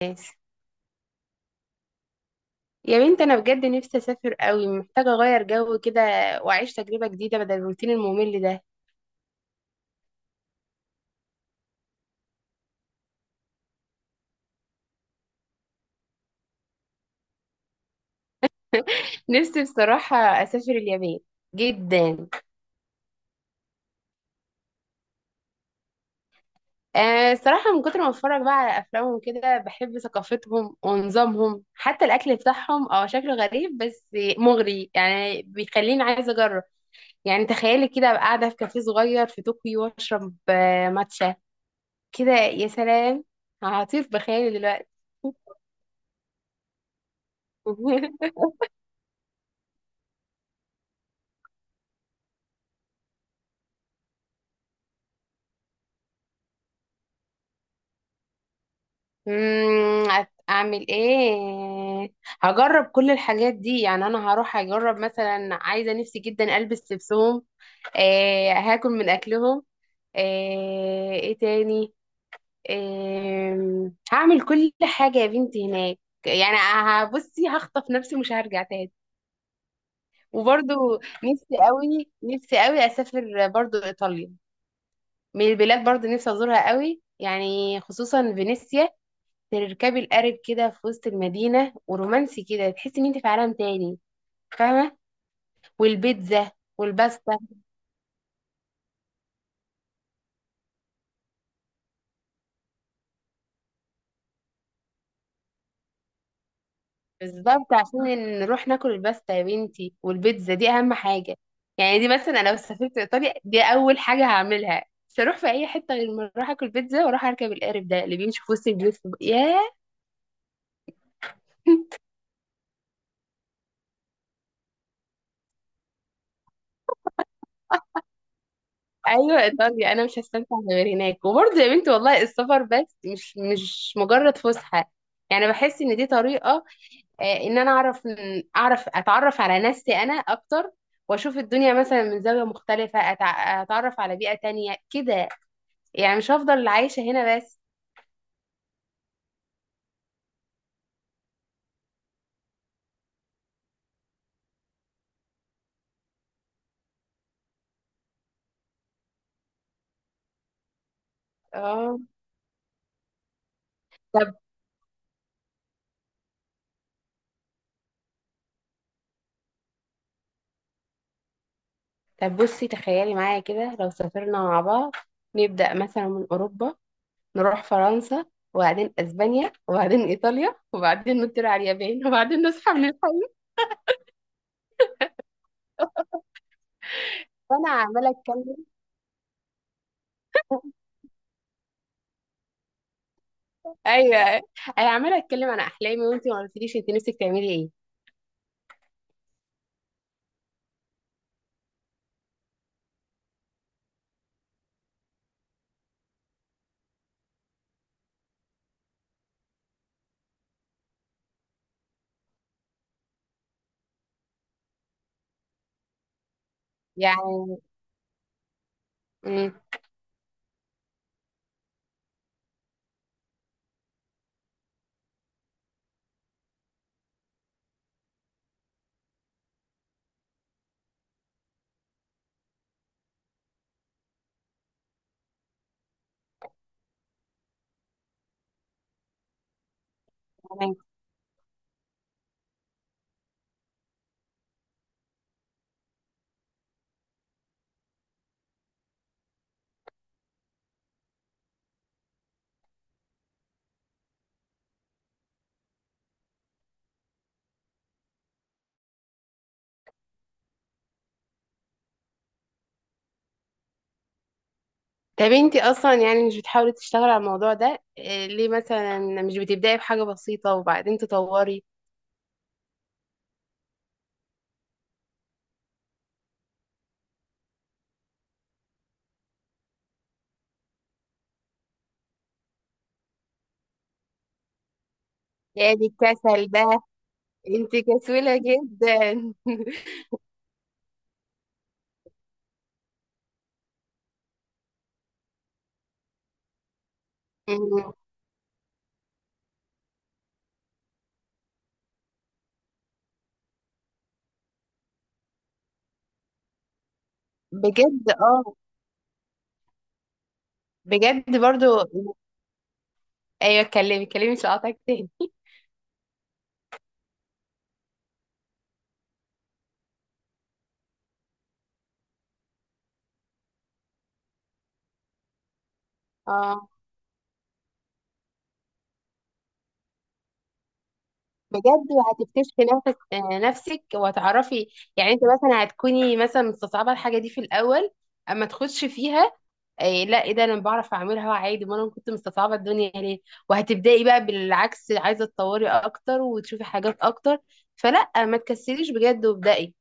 ناس. يا بنت، انا بجد نفسي اسافر قوي، محتاجه اغير جو كده واعيش تجربه جديده بدل الروتين الممل ده. نفسي بصراحه اسافر اليابان، جدا. آه، الصراحه من كتر ما اتفرج بقى على افلامهم كده، بحب ثقافتهم ونظامهم. حتى الاكل بتاعهم شكله غريب بس مغري، يعني بيخليني عايزه اجرب. يعني تخيلي كده أبقى قاعده في كافيه صغير في طوكيو واشرب ماتشا. كده يا سلام، هطير بخيالي دلوقتي. اعمل ايه؟ هجرب كل الحاجات دي، يعني انا هروح اجرب مثلا. عايزه نفسي جدا البس لبسهم. آه، هاكل من اكلهم. آه، ايه تاني؟ آه، هعمل كل حاجه يا بنتي هناك. يعني هبصي هخطف نفسي، مش هرجع تاني. وبرضو، نفسي قوي نفسي قوي اسافر برضو ايطاليا. من البلاد برضو نفسي ازورها قوي، يعني خصوصا فينيسيا. تركبي القارب كده في وسط المدينة، ورومانسي كده، تحسي ان انت في عالم تاني، فاهمة؟ والبيتزا والباستا. بالظبط، عشان نروح ناكل الباستا يا بنتي، والبيتزا دي اهم حاجة. يعني دي مثلا، انا لو سافرت ايطاليا، دي اول حاجة هعملها. مش هروح في اي حتة غير ما اروح اكل بيتزا واروح اركب القارب ده اللي بيمشي في وسط البيوت ياه. ايوه، ايطاليا، انا مش هستمتع غير هناك. وبرضه يا بنتي والله السفر بس مش مجرد فسحه. يعني بحس ان دي طريقه، ان انا اعرف اعرف اتعرف على نفسي انا اكتر. واشوف الدنيا مثلا من زاوية مختلفة، اتعرف على بيئة تانية كده. يعني مش هفضل عايشة هنا بس. اه، طب طب بصي، تخيلي معايا كده لو سافرنا مع بعض. نبدأ مثلا من اوروبا، نروح فرنسا، وبعدين اسبانيا، وبعدين ايطاليا، وبعدين نطير على اليابان، وبعدين نصحى من الحلم. وانا عماله اتكلم. ايوه، انا عماله اتكلم عن احلامي، وانتي ما قلتليش انت نفسك تعملي ايه؟ يعني، امم طب انتي اصلا يعني مش بتحاولي تشتغلي على الموضوع ده ليه مثلا مش بتبداي بحاجه بسيطه وبعدين تطوري؟ يا دي الكسل ده، انتي كسولة جدا. مم. بجد؟ اه، بجد. برضو ايوه، اتكلمي اتكلمي، مش هقاطعك تاني. اه، بجد وهتكتشفي نفسك وهتعرفي. يعني انت مثلا هتكوني مثلا مستصعبه الحاجه دي في الاول، اما تخش فيها. إيه؟ لا، ايه ده؟ انا بعرف اعملها عادي، ما انا كنت مستصعبه الدنيا ليه؟ وهتبداي بقى بالعكس، عايزه تطوري اكتر وتشوفي حاجات اكتر. فلا، ما تكسليش بجد وابدأي.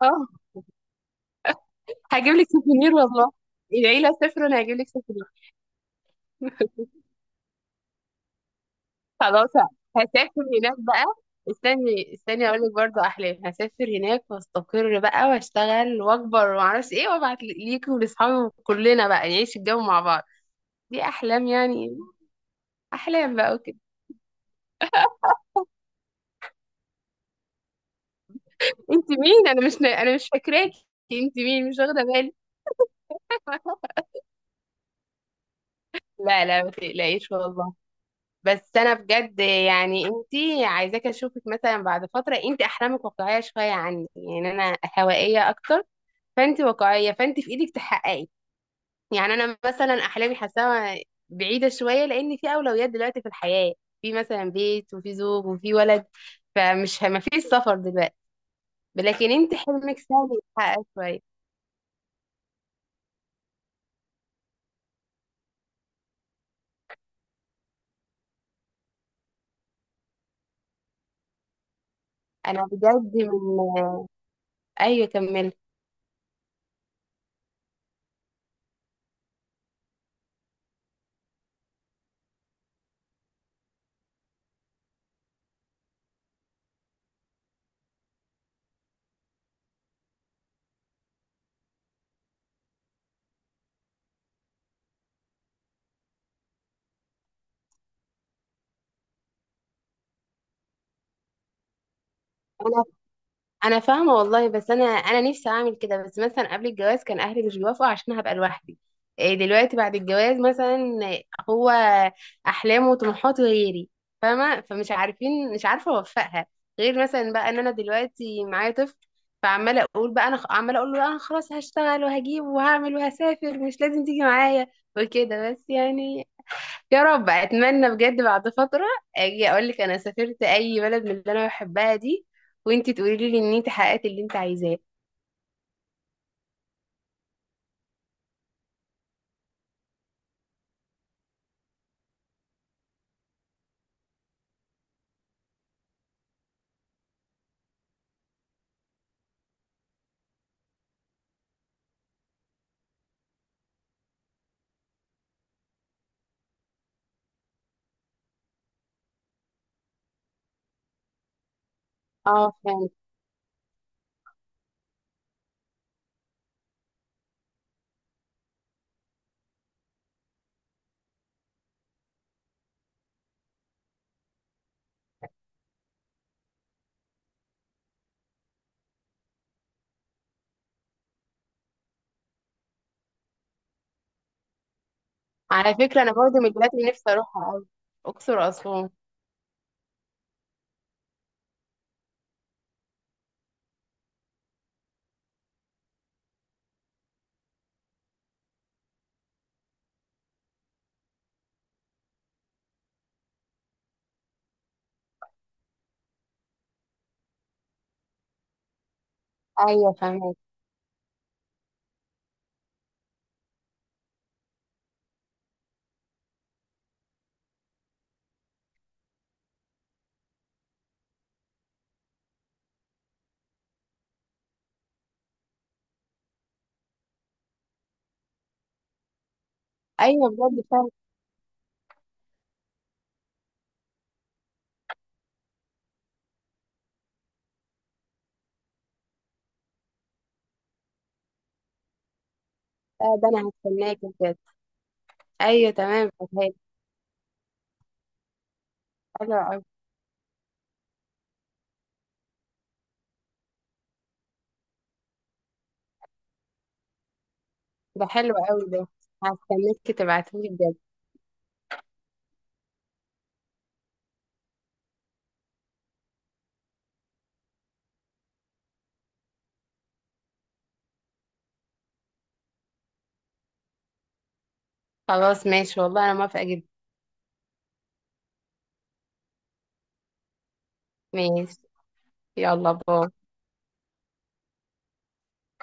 اه، هجيب لك سوفينير والله. العيله صفر وانا هجيب لك سوفينير. خلاص، هسافر هناك بقى. استني استني، اقول لك برضه، احلام. هسافر هناك واستقر بقى واشتغل واكبر ومعرفش ايه، وابعت ليكي ولاصحابي وكلنا بقى نعيش الجو مع بعض. دي احلام يعني، احلام بقى. انت مين؟ انا مش فاكراكي. انت مين؟ مش واخده بالي. لا لا، ما تقلقيش والله. بس انا بجد يعني انت، عايزاك اشوفك مثلا بعد فتره. انت احلامك واقعيه شويه عني، يعني انا هوائيه اكتر. فانت واقعيه، فانت في ايدك تحققي. يعني انا مثلا احلامي حاساها بعيده شويه، لان في اولويات دلوقتي في الحياه. في مثلا بيت وفي زوج وفي ولد، ما فيش سفر دلوقتي. لكن انت حلمك سهل يتحقق شويه. انا بجد ايوه، كملي. انا فاهمه والله. بس انا نفسي اعمل كده. بس مثلا قبل الجواز كان اهلي مش بيوافقوا عشان هبقى لوحدي. إيه؟ دلوقتي بعد الجواز مثلا، هو احلامه وطموحاته غيري، فاهمه؟ فمش عارفين مش عارفه اوفقها. غير مثلا بقى ان انا دلوقتي معايا طفل. فعماله اقول بقى عماله اقول له: لا، انا خلاص هشتغل وهجيب وهعمل وهسافر، مش لازم تيجي معايا. وكده بس يعني. يا رب، اتمنى بجد بعد فترة اجي اقول لك انا سافرت اي بلد من اللي انا بحبها دي، وانتي تقولي لي ان انت حققت اللي انت عايزاه. اه فهمت. على فكرة انا برضه من البلاد اللي نفسي اروحها قوي، اقصر واسوان. ايوه فهمت. ايوه بجد فهمت. ده انا هستناكي بجد. ايوه تمام فهمت. حلو قوي ده. حلو قوي ده، هستناكي تبعتيلي بجد. خلاص ماشي والله، انا موافقة جدا. ماشي، يلا باي.